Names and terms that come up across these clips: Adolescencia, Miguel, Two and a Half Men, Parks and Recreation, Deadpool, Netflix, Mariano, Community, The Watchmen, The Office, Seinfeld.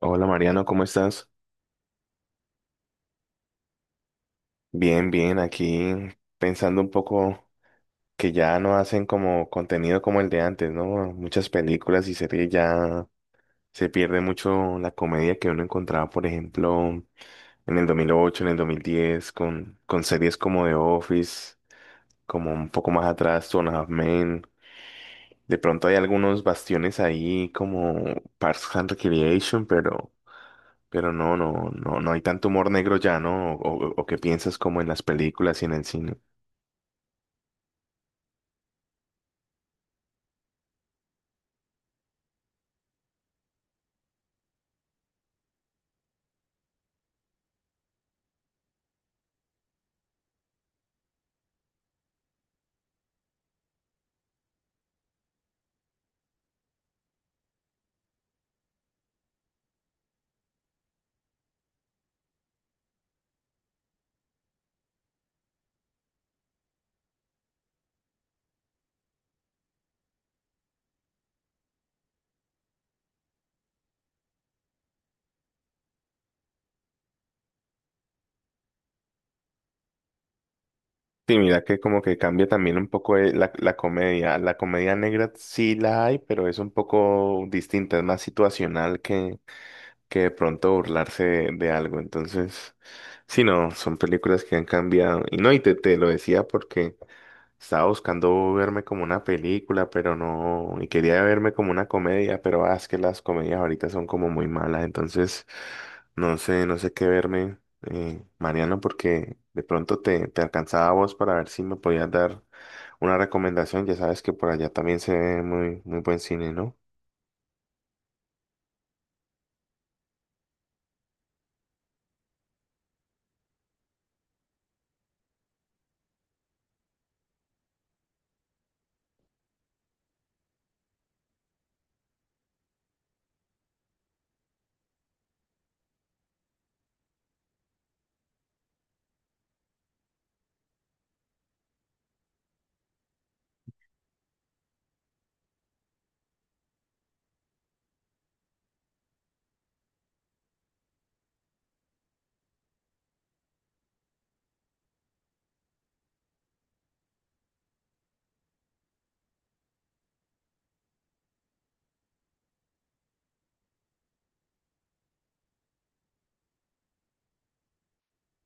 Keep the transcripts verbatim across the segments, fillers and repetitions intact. Hola Mariano, ¿cómo estás? Bien, bien, aquí pensando un poco que ya no hacen como contenido como el de antes, ¿no? Muchas películas y series ya se pierde mucho la comedia que uno encontraba, por ejemplo, en el dos mil ocho, en el dos mil diez, con, con series como The Office, como un poco más atrás, Two and a Half Men. De pronto hay algunos bastiones ahí como Parks and Recreation, pero... Pero no, no, no, no hay tanto humor negro ya, ¿no? O, o- o que piensas como en las películas y en el cine. Sí, mira que como que cambia también un poco eh, la, la comedia. La comedia negra sí la hay, pero es un poco distinta, es más situacional que, que de pronto burlarse de, de algo. Entonces, sí, no, son películas que han cambiado. Y no, y te, te lo decía porque estaba buscando verme como una película, pero no, y quería verme como una comedia, pero ah, es que las comedias ahorita son como muy malas, entonces no sé, no sé qué verme, eh, Mariano, porque de pronto te, te alcanzaba a vos para ver si me podías dar una recomendación, ya sabes que por allá también se ve muy, muy buen cine, ¿no?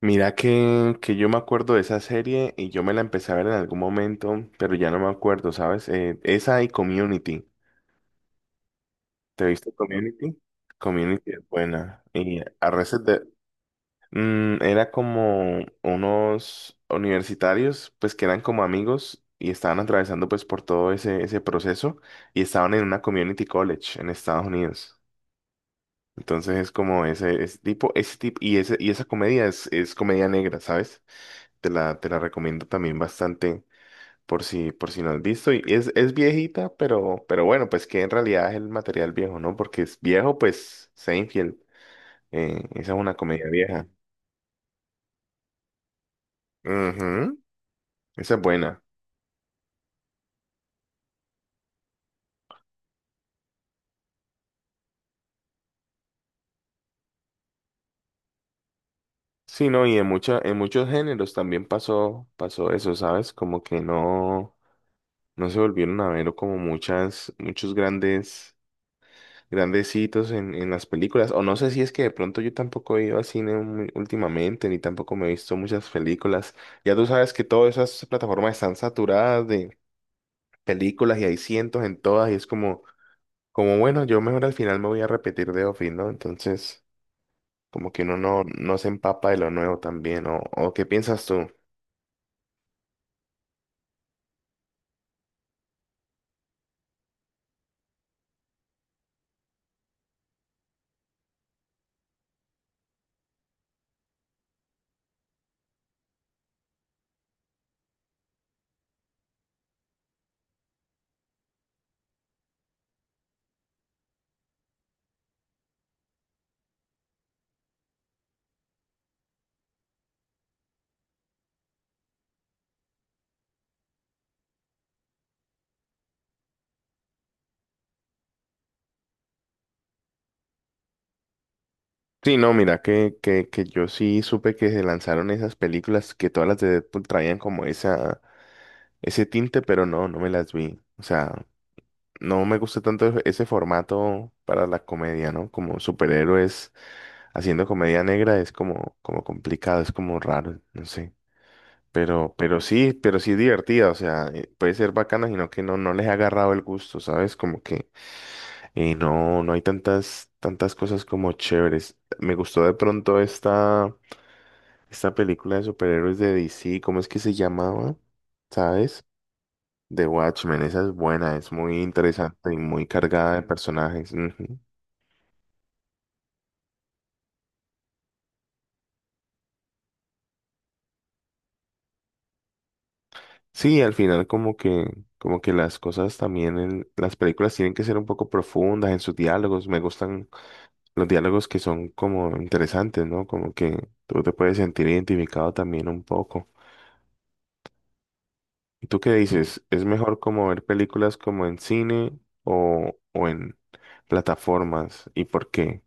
Mira que, que yo me acuerdo de esa serie y yo me la empecé a ver en algún momento, pero ya no me acuerdo, ¿sabes? Eh, esa y Community. ¿Te viste Community? Community es buena. Y a veces de, mm, era como unos universitarios, pues que eran como amigos y estaban atravesando pues por todo ese, ese proceso y estaban en una community college en Estados Unidos. Entonces es como ese, ese tipo, ese tipo, y, ese, y esa comedia es, es comedia negra, ¿sabes? Te la, te la recomiendo también bastante por si, por si no has visto. Y es, es viejita, pero, pero bueno, pues que en realidad es el material viejo, ¿no? Porque es viejo, pues Seinfeld. eh, esa es una comedia vieja. Ujú, esa es buena. Sí, no, y en mucha, en muchos géneros también pasó, pasó eso, ¿sabes? Como que no, no se volvieron a ver como muchas, muchos grandes, grandecitos en, en las películas. O no sé si es que de pronto yo tampoco he ido al cine muy- últimamente, ni tampoco me he visto muchas películas. Ya tú sabes que todas esas plataformas están saturadas de películas y hay cientos en todas y es como, como bueno, yo mejor al final me voy a repetir de Office, ¿no? Entonces, como que uno no, no se empapa de lo nuevo también, ¿o, o qué piensas tú? Sí, no, mira, que, que, que yo sí supe que se lanzaron esas películas que todas las de Deadpool traían como esa, ese tinte, pero no, no me las vi. O sea, no me gusta tanto e-, ese formato para la comedia, ¿no? Como superhéroes haciendo comedia negra es como, como complicado, es como raro, no sé. Pero, pero sí, pero sí es divertida, o sea, eh, puede ser bacana, sino que no, no les ha agarrado el gusto, ¿sabes? Como que eh, no, no hay tantas, tantas cosas como chéveres. Me gustó de pronto esta, esta película de superhéroes de D C, ¿cómo es que se llamaba? ¿Sabes? The Watchmen, esa es buena, es muy interesante y muy cargada de personajes. Ujú. Sí, al final como que, como que las cosas también en las películas tienen que ser un poco profundas en sus diálogos. Me gustan los diálogos que son como interesantes, ¿no? Como que tú te puedes sentir identificado también un poco. ¿Y tú qué dices? ¿Es mejor como ver películas como en cine o, o en plataformas? ¿Y por qué?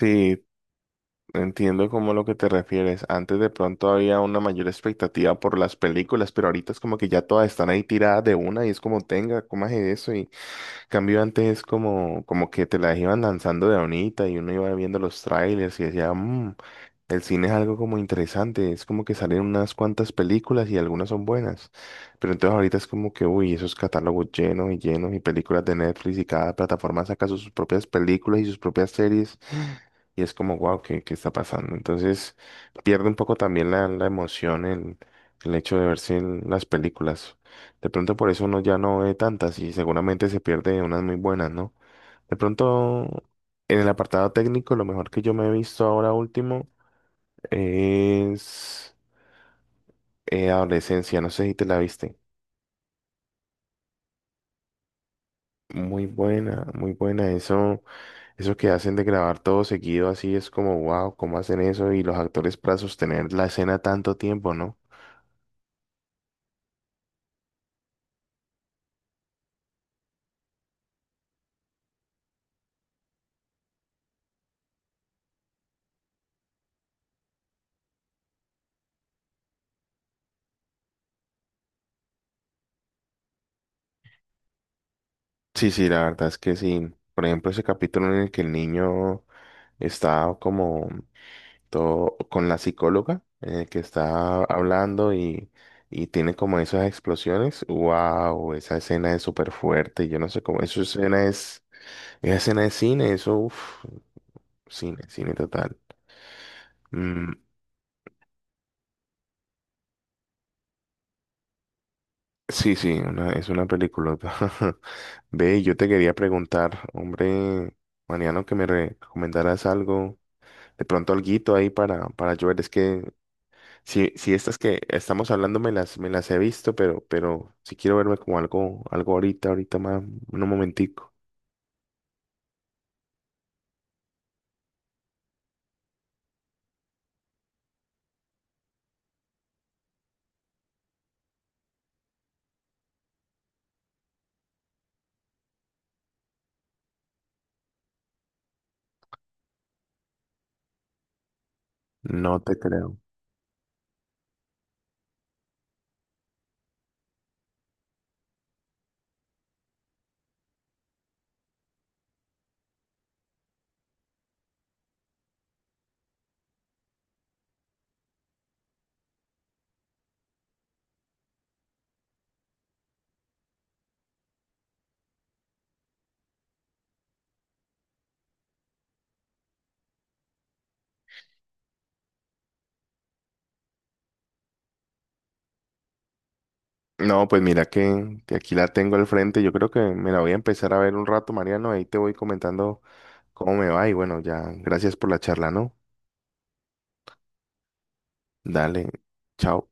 Sí, entiendo como lo que te refieres. Antes de pronto había una mayor expectativa por las películas, pero ahorita es como que ya todas están ahí tiradas de una y es como tenga, comas eso y cambio antes como, como que te las iban lanzando de bonita y uno iba viendo los trailers y decía, "Mm, el cine es algo como interesante, es como que salen unas cuantas películas y algunas son buenas. Pero entonces ahorita es como que, uy, esos catálogos llenos y llenos y películas de Netflix y cada plataforma saca sus propias películas y sus propias series y es como, wow, ¿qué, qué está pasando? Entonces pierde un poco también la, la emoción, el, el hecho de verse en las películas. De pronto por eso uno ya no ve tantas y seguramente se pierde unas muy buenas, ¿no? De pronto en el apartado técnico, lo mejor que yo me he visto ahora último es eh, Adolescencia, no sé si te la viste. Muy buena, muy buena. Eso, eso que hacen de grabar todo seguido así es como, wow, ¿cómo hacen eso? Y los actores para sostener la escena tanto tiempo, ¿no? Sí, sí, la verdad es que sí. Por ejemplo, ese capítulo en el que el niño está como todo con la psicóloga, en el que está hablando y, y tiene como esas explosiones. Wow, esa escena es súper fuerte. Yo no sé cómo, esa escena es, esa escena es cine, eso, uf, cine, cine total. Mm, sí, sí, una- es una película. Ve, yo te quería preguntar, hombre, Mariano, que me recomendaras algo. De pronto alguito ahí para, para yo ver. Es que si, si estas que estamos hablando me las, me las he visto, pero, pero si quiero verme como algo, algo ahorita, ahorita más, un momentico. No te creo. No, pues mira que, que aquí la tengo al frente. Yo creo que me la voy a empezar a ver un rato, Mariano. Ahí te voy comentando cómo me va. Y bueno, ya, gracias por la charla, ¿no? Dale, chao.